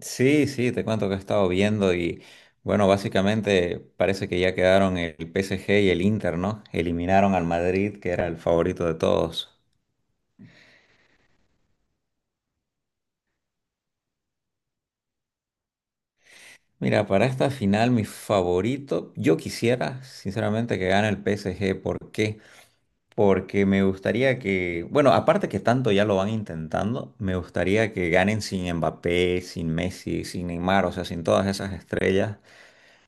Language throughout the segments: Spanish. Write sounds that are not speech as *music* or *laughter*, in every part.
Sí, sí, te cuento que he estado viendo y bueno, básicamente parece que ya quedaron el PSG y el Inter, ¿no? Eliminaron al Madrid, que era el favorito de todos. Mira, para esta final mi favorito, yo quisiera sinceramente que gane el PSG. ¿Por qué? Porque me gustaría que, bueno, aparte que tanto ya lo van intentando, me gustaría que ganen sin Mbappé, sin Messi, sin Neymar, o sea, sin todas esas estrellas.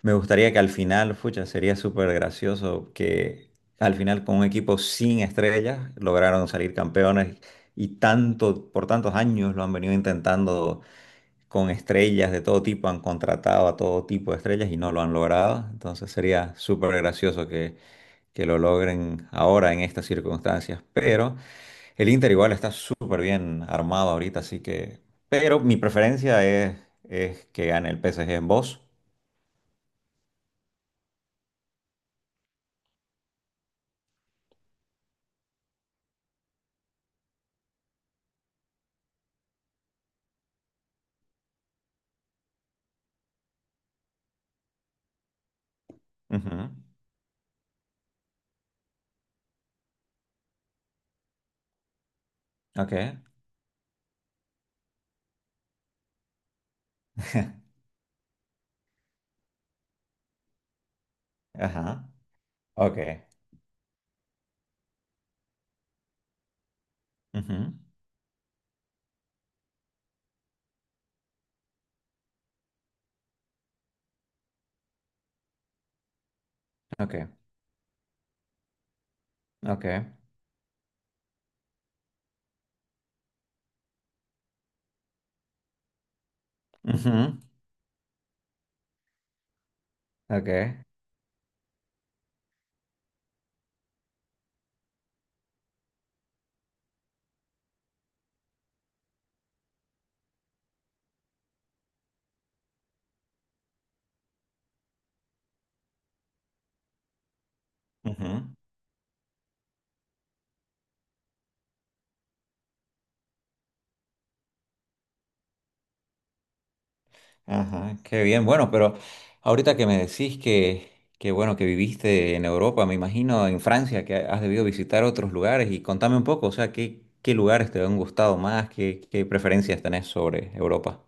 Me gustaría que al final, fucha, sería súper gracioso que al final con un equipo sin estrellas lograron salir campeones y tanto, por tantos años lo han venido intentando con estrellas de todo tipo, han contratado a todo tipo de estrellas y no lo han logrado. Entonces sería súper gracioso que lo logren ahora en estas circunstancias. Pero el Inter igual está súper bien armado ahorita, así que... Pero mi preferencia es que gane el PSG en voz. Ujú. Ok. Ajá. Ok. Ujú. Ok. Ok. Ujú. Ok. Ujú. Ajá. Qué bien. Bueno, pero ahorita que me decís que bueno, que viviste en Europa, me imagino en Francia, que has debido visitar otros lugares y contame un poco, o sea, qué lugares te han gustado más, qué preferencias tenés sobre Europa.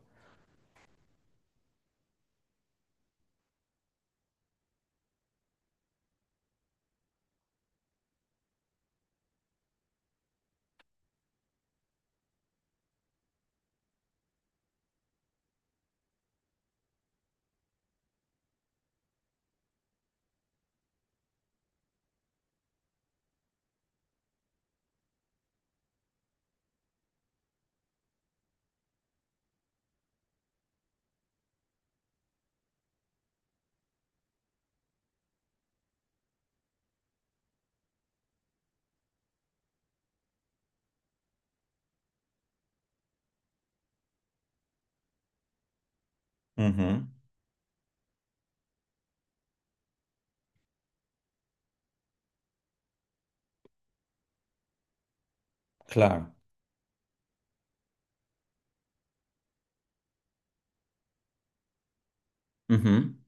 Ujú. Claro. Ujú.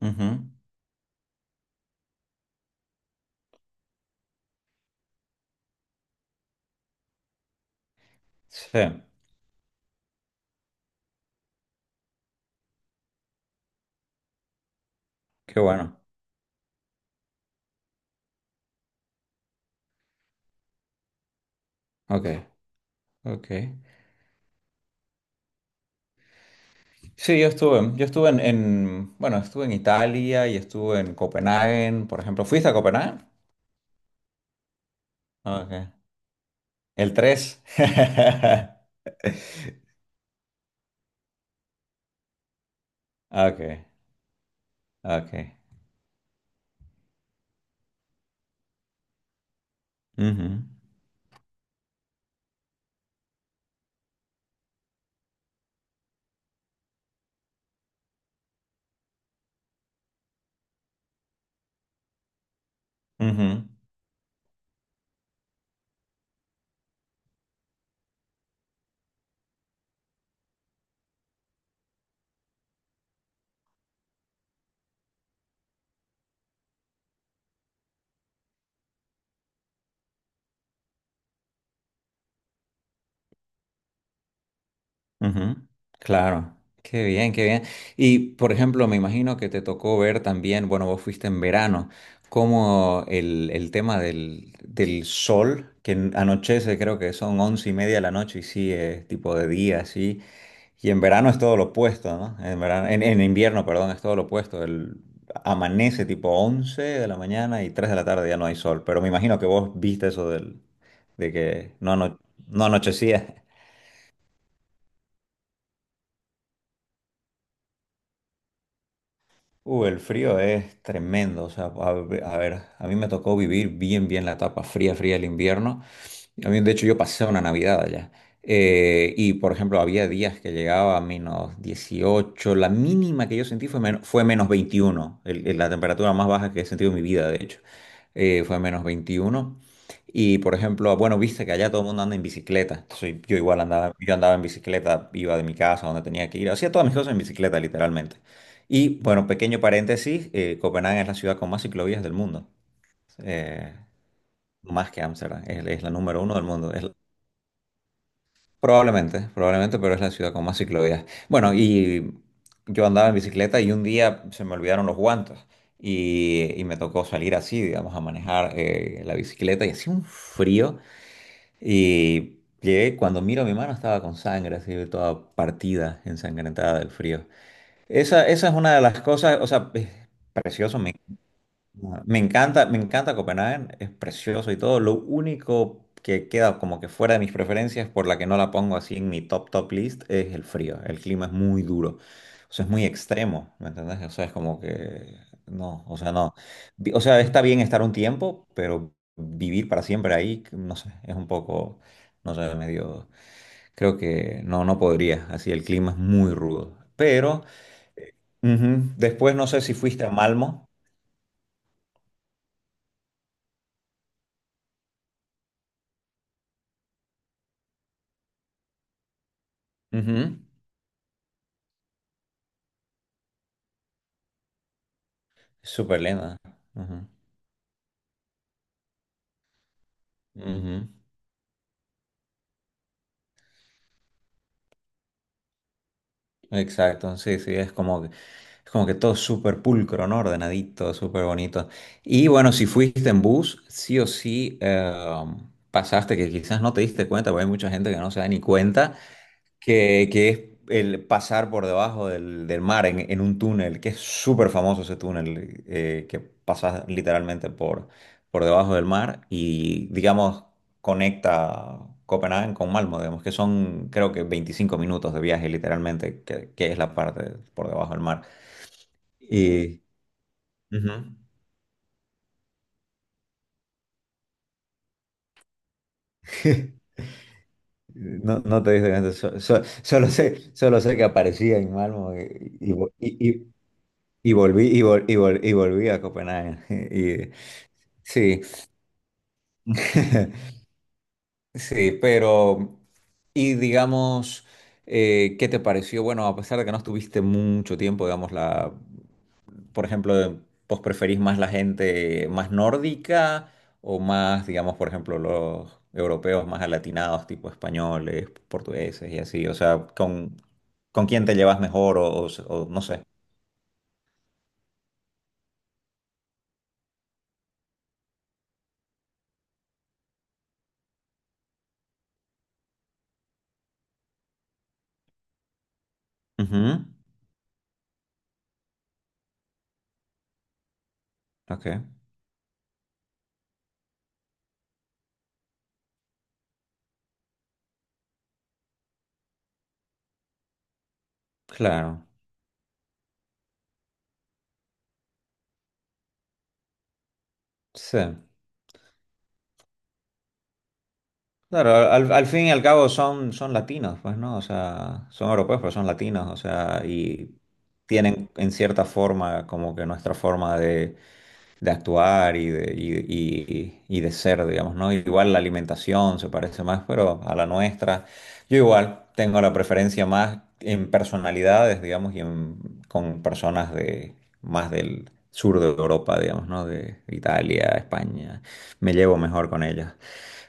Ujú. Sí. Qué bueno. Ok. Ok. Sí, yo estuve. Yo estuve bueno, estuve en Italia y estuve en Copenhague, por ejemplo. ¿Fuiste a Copenhague? Okay. El 3. *laughs* Okay, ah, okay. Ujú, ujú, ujú. Claro. Qué bien, qué bien. Y, por ejemplo, me imagino que te tocó ver también, bueno, vos fuiste en verano, como el tema del sol, que anochece, creo que son once y media de la noche y sí, es tipo de día, sí. Y en verano es todo lo opuesto, ¿no? En verano, en invierno, perdón, es todo lo opuesto. El, amanece tipo 11 de la mañana y 3 de la tarde ya no hay sol. Pero me imagino que vos viste eso del, de que no, no anochecía. El frío es tremendo, o sea, a ver, a mí me tocó vivir bien, bien la etapa fría, fría del invierno. A mí, de hecho, yo pasé una Navidad allá. Y, por ejemplo, había días que llegaba a -18. La mínima que yo sentí fue, fue -21. La temperatura más baja que he sentido en mi vida, de hecho, fue -21. Y, por ejemplo, bueno, viste que allá todo el mundo anda en bicicleta, entonces yo igual andaba, yo andaba en bicicleta, iba de mi casa a donde tenía que ir, hacía todas mis cosas en bicicleta, literalmente. Y bueno, pequeño paréntesis, Copenhague es la ciudad con más ciclovías del mundo, eh, más que Ámsterdam, es la número uno del mundo, probablemente, probablemente, pero es la ciudad con más ciclovías. Bueno, y yo andaba en bicicleta y un día se me olvidaron los guantes y me tocó salir así, digamos, a manejar la bicicleta y hacía un frío y llegué, cuando miro mi mano estaba con sangre, así toda partida, ensangrentada del frío. Esa es una de las cosas, o sea... precioso. Ah, me encanta, me encanta Copenhague, es precioso y todo. Lo único que queda como que fuera de mis preferencias, por la que no la pongo así en mi top top list, es el frío. El clima es muy duro. O sea, es muy extremo, ¿me entendés? O sea, es como que no, o sea, no. O sea, está bien estar un tiempo, pero vivir para siempre ahí, no sé, es un poco, no sé, medio, creo que no, no podría. Así el clima es muy rudo. Pero ujú, después no sé si fuiste a Malmo. Ujú. Súper lema. Ujú, ujú. Exacto, sí, sí, es como que todo súper pulcro, ¿no? Ordenadito, súper bonito. Y bueno, si fuiste en bus, sí o sí pasaste, que quizás no te diste cuenta, porque hay mucha gente que no se da ni cuenta, que es el pasar por debajo del, del mar en un túnel, que es súper famoso ese túnel, que pasas literalmente por debajo del mar y, digamos, conecta Copenhague con Malmo, digamos, que son creo que 25 minutos de viaje literalmente, que es la parte por debajo del mar. Y... Ujú. *laughs* No, no te diste cuenta, solo sé que aparecía en Malmo y volví, y volví a Copenhague. *laughs* Y- sí, *laughs* sí, pero, y digamos, ¿qué te pareció? Bueno, a pesar de que no estuviste mucho tiempo, digamos, la, por ejemplo, ¿vos preferís más la gente más nórdica o más, digamos, por ejemplo, los europeos más alatinados, tipo españoles, portugueses y así? O sea, con quién te llevas mejor o no sé? Ujú, ok, claro, sí. Claro, al fin y al cabo son, son latinos, pues, ¿no? O sea, son europeos, pero son latinos, o sea, y tienen en cierta forma como que nuestra forma de actuar y de ser, digamos, ¿no? Igual la alimentación se parece más, pero a la nuestra. Yo igual tengo la preferencia más en personalidades, digamos, con personas de más del sur de Europa, digamos, ¿no? De Italia, España. Me llevo mejor con ellas.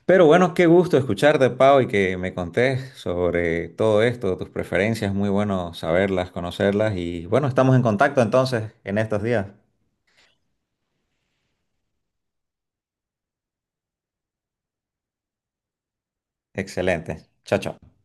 Pero bueno, qué gusto escucharte, Pau, y que me contés sobre todo esto, tus preferencias, muy bueno saberlas, conocerlas y bueno, estamos en contacto entonces en estos días. Excelente. Chao, chao.